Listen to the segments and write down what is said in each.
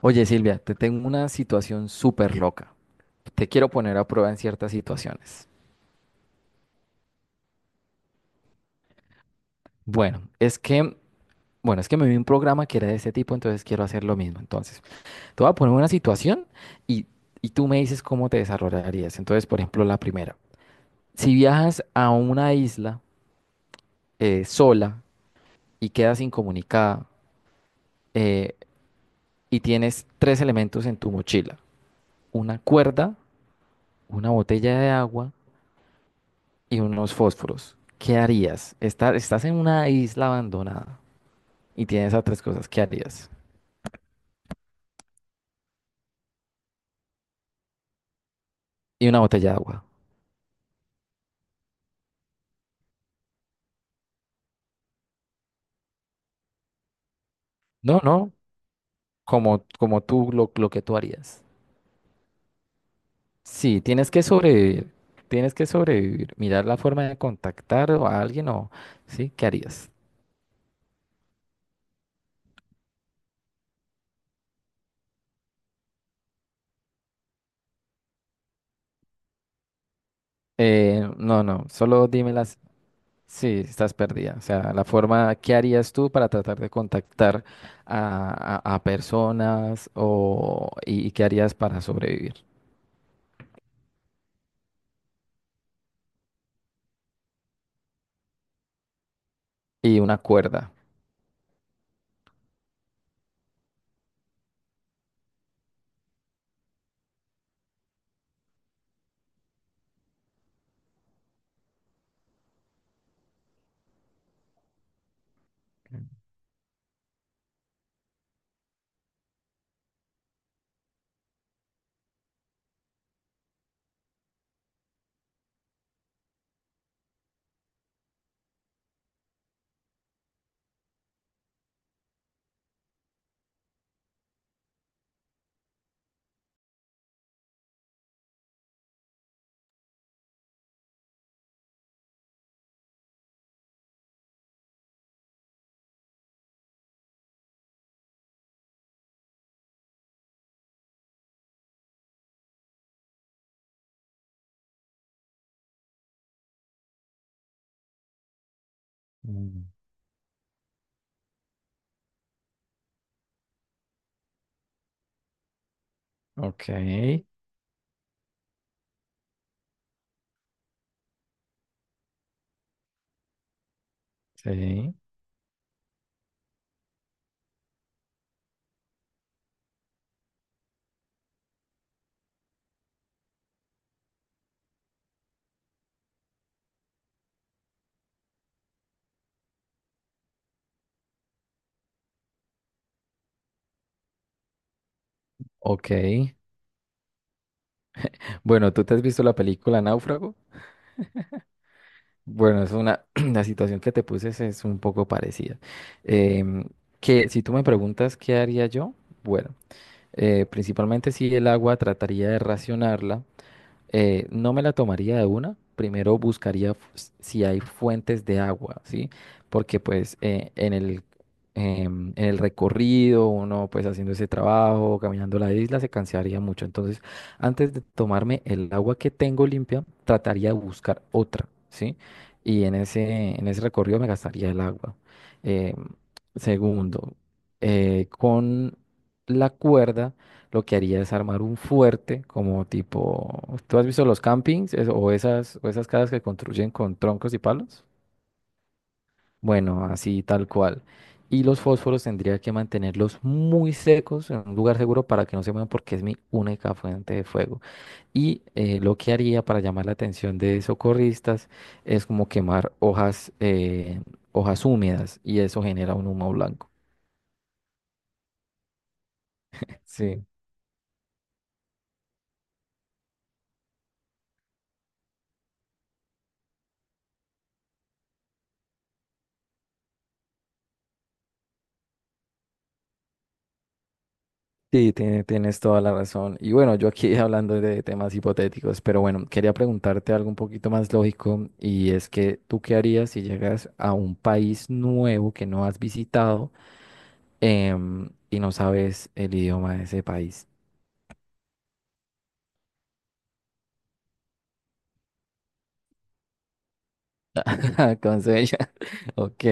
Oye, Silvia, te tengo una situación súper loca. Te quiero poner a prueba en ciertas situaciones. Bueno, es que, bueno, es que me vi un programa que era de ese tipo, entonces quiero hacer lo mismo. Entonces, te voy a poner una situación y, y tú me dices cómo te desarrollarías. Entonces, por ejemplo, la primera. Si viajas a una isla sola y quedas incomunicada eh, y tienes tres elementos en tu mochila, una cuerda, una botella de agua y unos fósforos. ¿Qué harías? Estás en una isla abandonada y tienes esas tres cosas. ¿Qué harías? Y una botella de agua. No, no, como, como tú, lo que tú harías. Sí, tienes que sobrevivir. Tienes que sobrevivir. Mirar la forma de contactar a alguien o ¿sí? ¿Qué harías? No, no, solo dímelas. Sí, estás perdida. O sea, la forma, ¿qué harías tú para tratar de contactar a personas o, y qué harías para sobrevivir? Y una cuerda. Mm, Ok, sí, ok. Bueno, ¿tú te has visto la película Náufrago? Bueno, es una, la situación que te puse es un poco parecida. Em, que si tú me preguntas qué haría yo, bueno, principalmente si el agua trataría de racionarla no me la tomaría de una. Primero buscaría si hay fuentes de agua, ¿sí? Porque pues en el recorrido, uno pues haciendo ese trabajo, caminando la isla, se cansaría mucho. Entonces, antes de tomarme el agua que tengo limpia, trataría de buscar otra, ¿sí? Y en ese recorrido me gastaría el agua. Em, segundo, con la cuerda lo que haría es armar un fuerte, como tipo, ¿tú has visto los campings o esas casas que construyen con troncos y palos? Bueno, así tal cual. Y los fósforos tendría que mantenerlos muy secos en un lugar seguro para que no se muevan porque es mi única fuente de fuego. Y lo que haría para llamar la atención de socorristas es como quemar hojas, hojas húmedas y eso genera un humo blanco. Sí. Sí, tienes toda la razón. Y bueno, yo aquí hablando de temas hipotéticos, pero bueno, quería preguntarte algo un poquito más lógico y es que tú qué harías si llegas a un país nuevo que no has visitado y no sabes el idioma de ese país. Con sueño. Ok,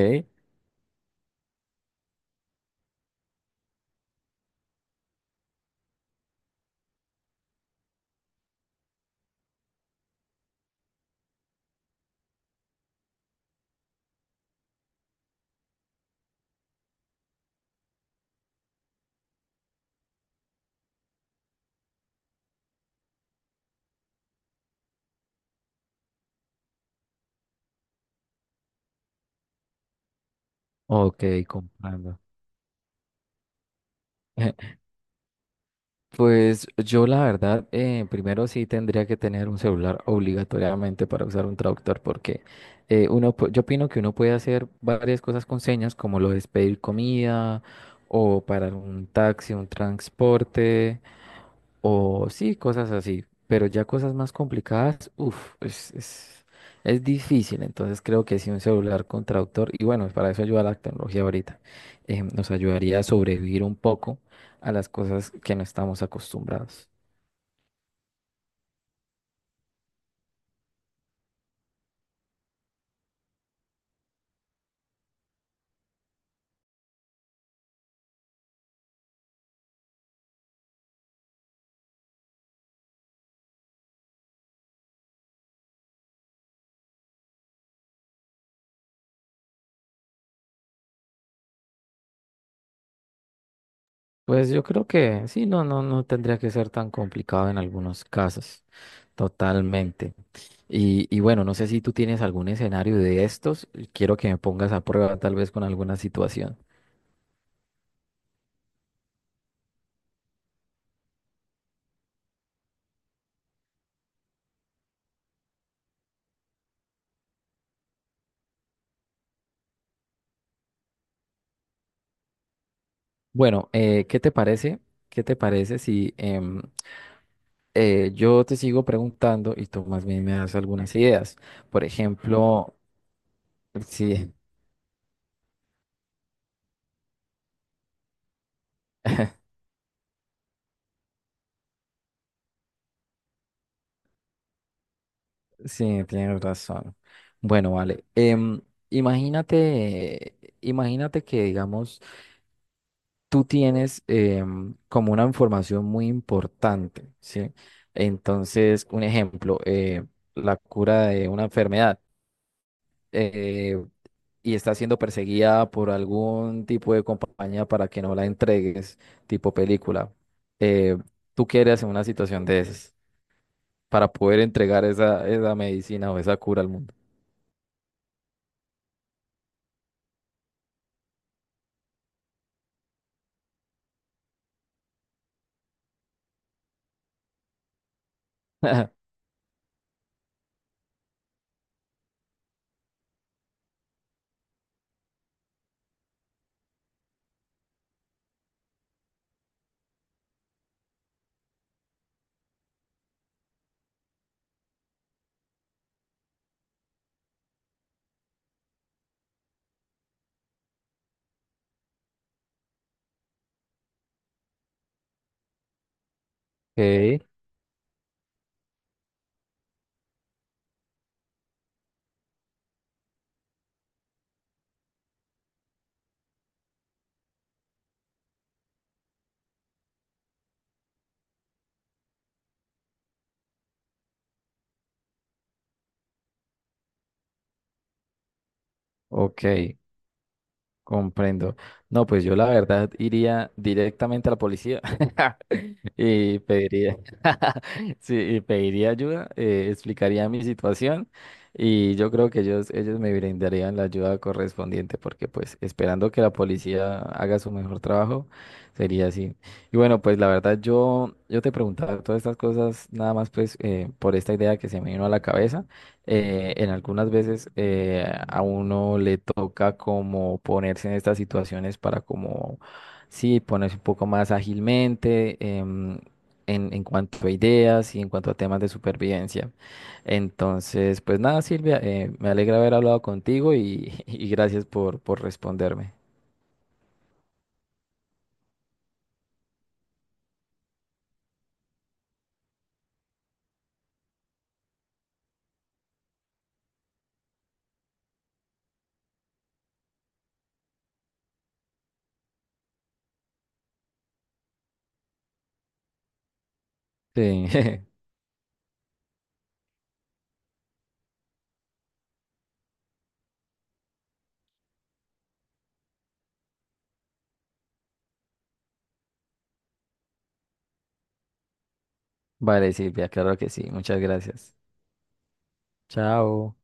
ok, comprando. Pues yo la verdad, primero sí tendría que tener un celular obligatoriamente para usar un traductor porque yo opino que uno puede hacer varias cosas con señas como lo es pedir comida o parar un taxi, un transporte. O sí, cosas así, pero ya cosas más complicadas, uff, es difícil. Entonces creo que sí un celular con traductor, y bueno, para eso ayuda la tecnología ahorita, nos ayudaría a sobrevivir un poco a las cosas que no estamos acostumbrados. Pues yo creo que sí, no, no, no tendría que ser tan complicado en algunos casos, totalmente. Y bueno, no sé si tú tienes algún escenario de estos, quiero que me pongas a prueba tal vez con alguna situación. Bueno, ¿qué te parece? ¿Qué te parece si yo te sigo preguntando y tú más bien me das algunas ideas? Por ejemplo, sí, sí, tienes razón. Bueno, vale. Imagínate, imagínate que, digamos, tú tienes como una información muy importante, ¿sí? Entonces, un ejemplo, la cura de una enfermedad. Eh, y está siendo perseguida por algún tipo de compañía para que no la entregues, tipo película, eh, ¿tú qué harías en una situación de esas para poder entregar esa medicina o esa cura al mundo? Ok, ok. Comprendo. No, pues yo la verdad iría directamente a la policía y pediría, sí, y pediría ayuda, explicaría mi situación y yo creo que ellos me brindarían la ayuda correspondiente porque pues esperando que la policía haga su mejor trabajo sería así. Y bueno, pues la verdad yo te preguntaba todas estas cosas nada más pues por esta idea que se me vino a la cabeza en algunas veces a uno le toca como ponerse en estas situaciones para como, sí, ponerse un poco más ágilmente en cuanto a ideas y en cuanto a temas de supervivencia. Entonces, pues nada, Silvia, me alegra haber hablado contigo y gracias por responderme. Sí, vale, Silvia, claro que sí, muchas gracias. Chao.